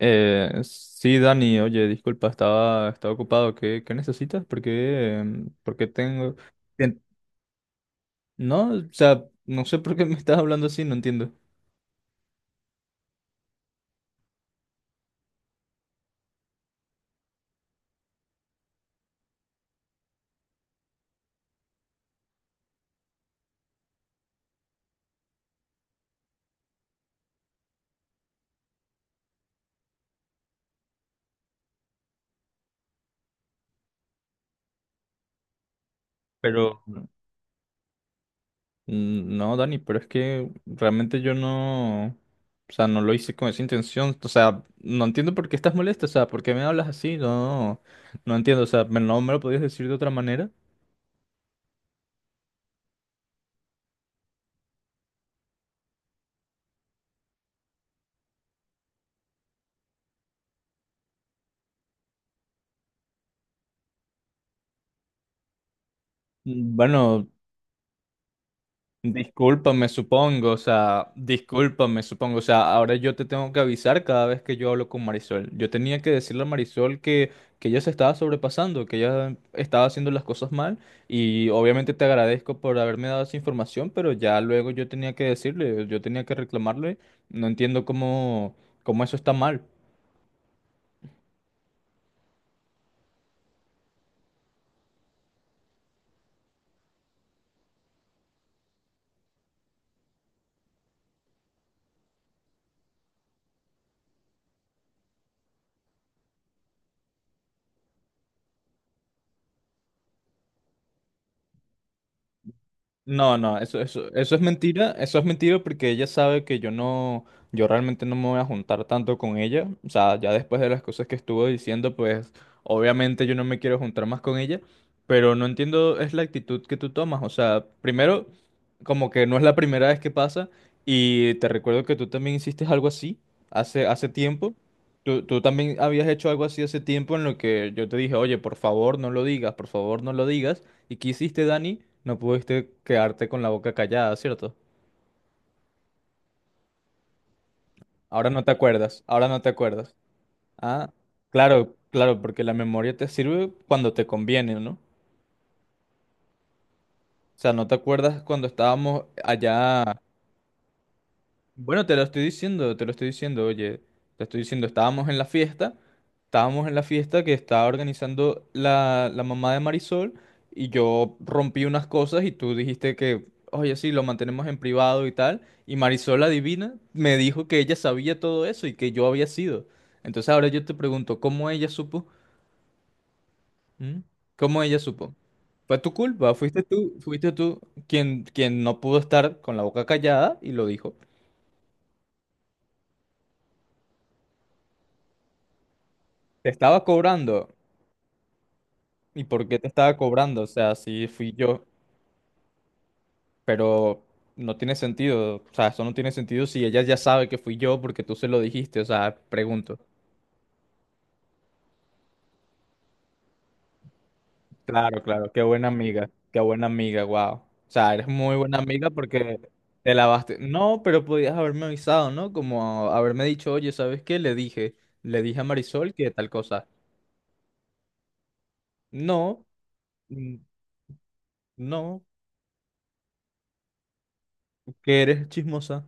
Sí, Dani, oye, disculpa, estaba ocupado. ¿Qué necesitas? ¿Por qué, por qué tengo...? Bien. No, o sea, no sé por qué me estás hablando así, no entiendo. Pero... No, Dani, pero es que realmente yo no... O sea, no lo hice con esa intención. O sea, no entiendo por qué estás molesta. O sea, ¿por qué me hablas así? No, no entiendo. O sea, no me lo podías decir de otra manera. Bueno, discúlpame, supongo, o sea, discúlpame, supongo, o sea, ahora yo te tengo que avisar cada vez que yo hablo con Marisol. Yo tenía que decirle a Marisol que ella se estaba sobrepasando, que ella estaba haciendo las cosas mal y obviamente te agradezco por haberme dado esa información, pero ya luego yo tenía que decirle, yo tenía que reclamarle. No entiendo cómo, cómo eso está mal. No, no, eso, eso es mentira porque ella sabe que yo no, yo realmente no me voy a juntar tanto con ella, o sea, ya después de las cosas que estuvo diciendo, pues obviamente yo no me quiero juntar más con ella, pero no entiendo es la actitud que tú tomas, o sea, primero, como que no es la primera vez que pasa y te recuerdo que tú también hiciste algo así hace tiempo, tú también habías hecho algo así hace tiempo en lo que yo te dije, oye, por favor no lo digas, por favor no lo digas. ¿Y qué hiciste, Dani? No pudiste quedarte con la boca callada, ¿cierto? Ahora no te acuerdas, ahora no te acuerdas. Ah, claro, claro, porque la memoria te sirve cuando te conviene, ¿no? O sea, no te acuerdas cuando estábamos allá. Bueno, te lo estoy diciendo, te lo estoy diciendo, oye, te estoy diciendo, estábamos en la fiesta, estábamos en la fiesta que estaba organizando la mamá de Marisol y yo rompí unas cosas y tú dijiste que, oye, sí, lo mantenemos en privado y tal, y Marisol, la divina, me dijo que ella sabía todo eso y que yo había sido. Entonces ahora yo te pregunto, ¿cómo ella supo? ¿Mm? ¿Cómo ella supo? Fue tu culpa, fuiste tú quien no pudo estar con la boca callada y lo dijo. Te estaba cobrando. ¿Y por qué te estaba cobrando? O sea, sí fui yo, pero no tiene sentido. O sea, eso no tiene sentido si ella ya sabe que fui yo porque tú se lo dijiste. O sea, pregunto. Claro, claro, qué buena amiga, wow. O sea, eres muy buena amiga porque te lavaste. No, pero podías haberme avisado, ¿no? Como haberme dicho, oye, ¿sabes qué? Le dije a Marisol que tal cosa. No, mm, no, que eres chismosa.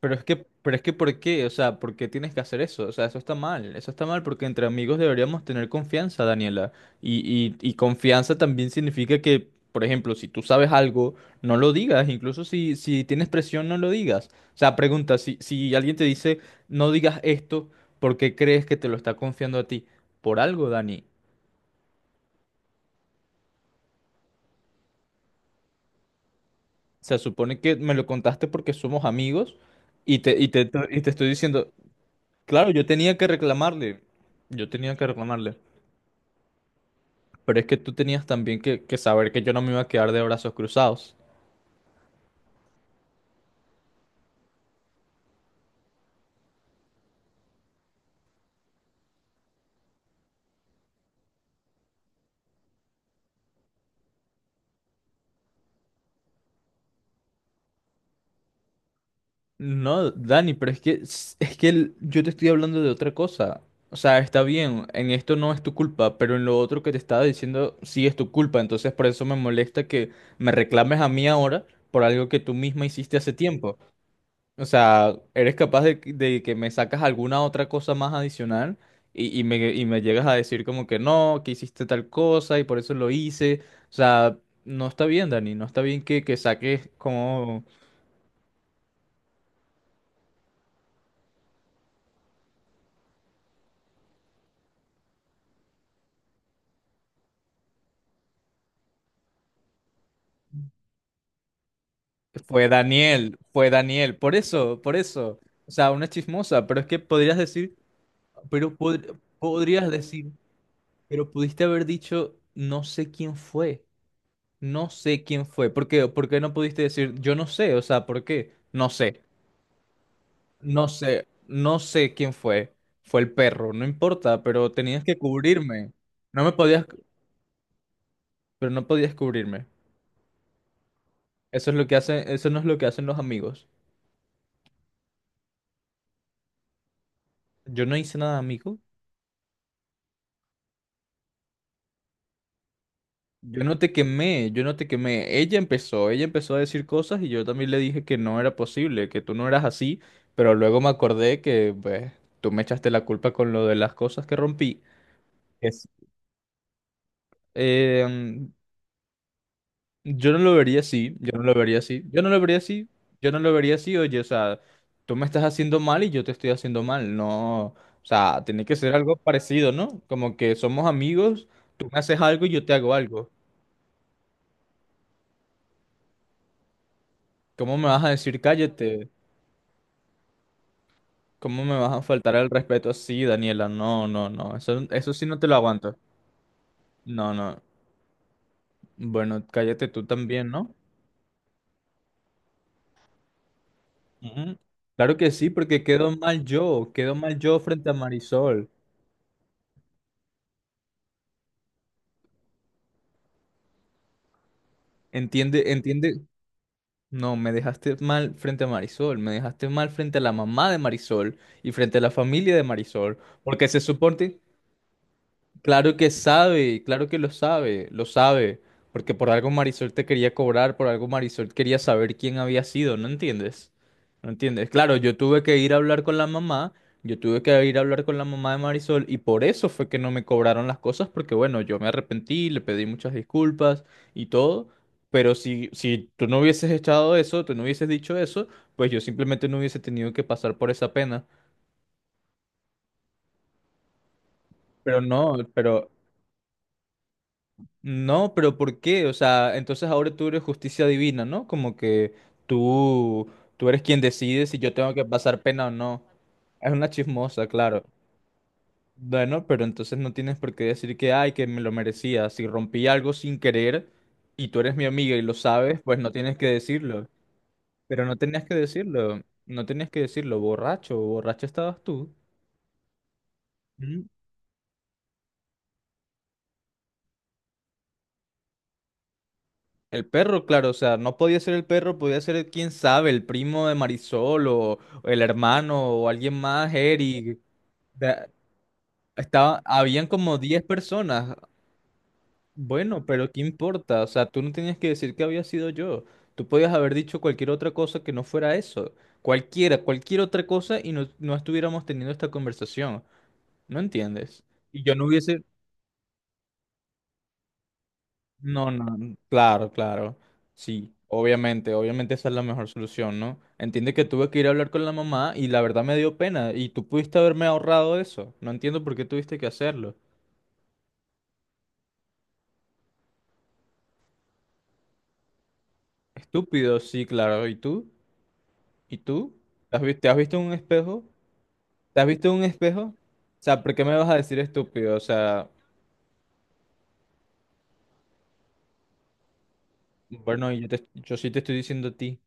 Pero es que ¿por qué? O sea, ¿por qué tienes que hacer eso? O sea, eso está mal. Eso está mal porque entre amigos deberíamos tener confianza, Daniela. Y, y confianza también significa que, por ejemplo, si tú sabes algo, no lo digas. Incluso si, si tienes presión, no lo digas. O sea, pregunta, si, si alguien te dice, no digas esto, ¿por qué crees que te lo está confiando a ti? Por algo, Dani. Se supone que me lo contaste porque somos amigos y te estoy diciendo, claro, yo tenía que reclamarle. Yo tenía que reclamarle. Pero es que tú tenías también que saber que yo no me iba a quedar de brazos cruzados. No, Dani, pero es que yo te estoy hablando de otra cosa. O sea, está bien, en esto no es tu culpa, pero en lo otro que te estaba diciendo sí es tu culpa. Entonces por eso me molesta que me reclames a mí ahora por algo que tú misma hiciste hace tiempo. O sea, eres capaz de que me sacas alguna otra cosa más adicional y me llegas a decir como que no, que hiciste tal cosa y por eso lo hice. O sea, no está bien, Dani, no está bien que saques como fue Daniel, por eso, por eso. O sea, una chismosa, pero es que podrías decir, pero podrías decir, pero pudiste haber dicho no sé quién fue, no sé quién fue. ¿Por qué? ¿Por qué no pudiste decir yo no sé? O sea, ¿por qué? No sé. No sé, no sé quién fue. Fue el perro, no importa, pero tenías que cubrirme. No me podías, pero no podías cubrirme. Eso es lo que hacen, eso no es lo que hacen los amigos. Yo no hice nada, amigo. Yo no te quemé, yo no te quemé. Ella empezó a decir cosas y yo también le dije que no era posible, que tú no eras así, pero luego me acordé que pues, tú me echaste la culpa con lo de las cosas que rompí. Es. Eh, Yo no lo vería así, yo no lo vería así, yo no lo vería así, yo no lo vería así, oye, o sea, tú me estás haciendo mal y yo te estoy haciendo mal, no, o sea, tiene que ser algo parecido, ¿no? Como que somos amigos, tú me haces algo y yo te hago algo. ¿Cómo me vas a decir cállate? ¿Cómo me vas a faltar al respeto así, Daniela? No, no, no, eso sí no te lo aguanto. No, no, bueno, cállate tú también, ¿no? Ujú. Claro que sí, porque quedo mal yo frente a Marisol. Entiende, entiende. No, me dejaste mal frente a Marisol, me dejaste mal frente a la mamá de Marisol y frente a la familia de Marisol, porque se supone, claro que sabe, claro que lo sabe, porque por algo Marisol te quería cobrar, por algo Marisol quería saber quién había sido, ¿no entiendes? ¿No entiendes? Claro, yo tuve que ir a hablar con la mamá, yo tuve que ir a hablar con la mamá de Marisol y por eso fue que no me cobraron las cosas, porque bueno, yo me arrepentí, le pedí muchas disculpas y todo, pero si, si tú no hubieses echado eso, tú no hubieses dicho eso, pues yo simplemente no hubiese tenido que pasar por esa pena. Pero no, pero no, pero ¿por qué? O sea, entonces ahora tú eres justicia divina, ¿no? Como que tú, tú eres quien decide si yo tengo que pasar pena o no. Es una chismosa, claro. Bueno, pero entonces no tienes por qué decir que, ay, que me lo merecía. Si rompí algo sin querer y tú eres mi amiga y lo sabes, pues no tienes que decirlo. Pero no tenías que decirlo, no tenías que decirlo, borracho, borracho estabas tú. El perro, claro, o sea, no podía ser el perro, podía ser quién sabe, el primo de Marisol o el hermano o alguien más, Eric. Da- Estaba, habían como 10 personas. Bueno, pero ¿qué importa? O sea, tú no tenías que decir que había sido yo. Tú podías haber dicho cualquier otra cosa que no fuera eso. Cualquiera, cualquier otra cosa y no, no estuviéramos teniendo esta conversación. ¿No entiendes? Y yo no hubiese... No, no, claro, claro. Sí, obviamente, obviamente esa es la mejor solución, ¿no? Entiende que tuve que ir a hablar con la mamá y la verdad me dio pena y tú pudiste haberme ahorrado eso. No entiendo por qué tuviste que hacerlo. Estúpido, sí, claro. ¿Y tú? ¿Y tú? ¿Te has visto en un espejo? ¿Te has visto en un espejo? O sea, ¿por qué me vas a decir estúpido? O sea, bueno, yo, yo sí te estoy diciendo a ti.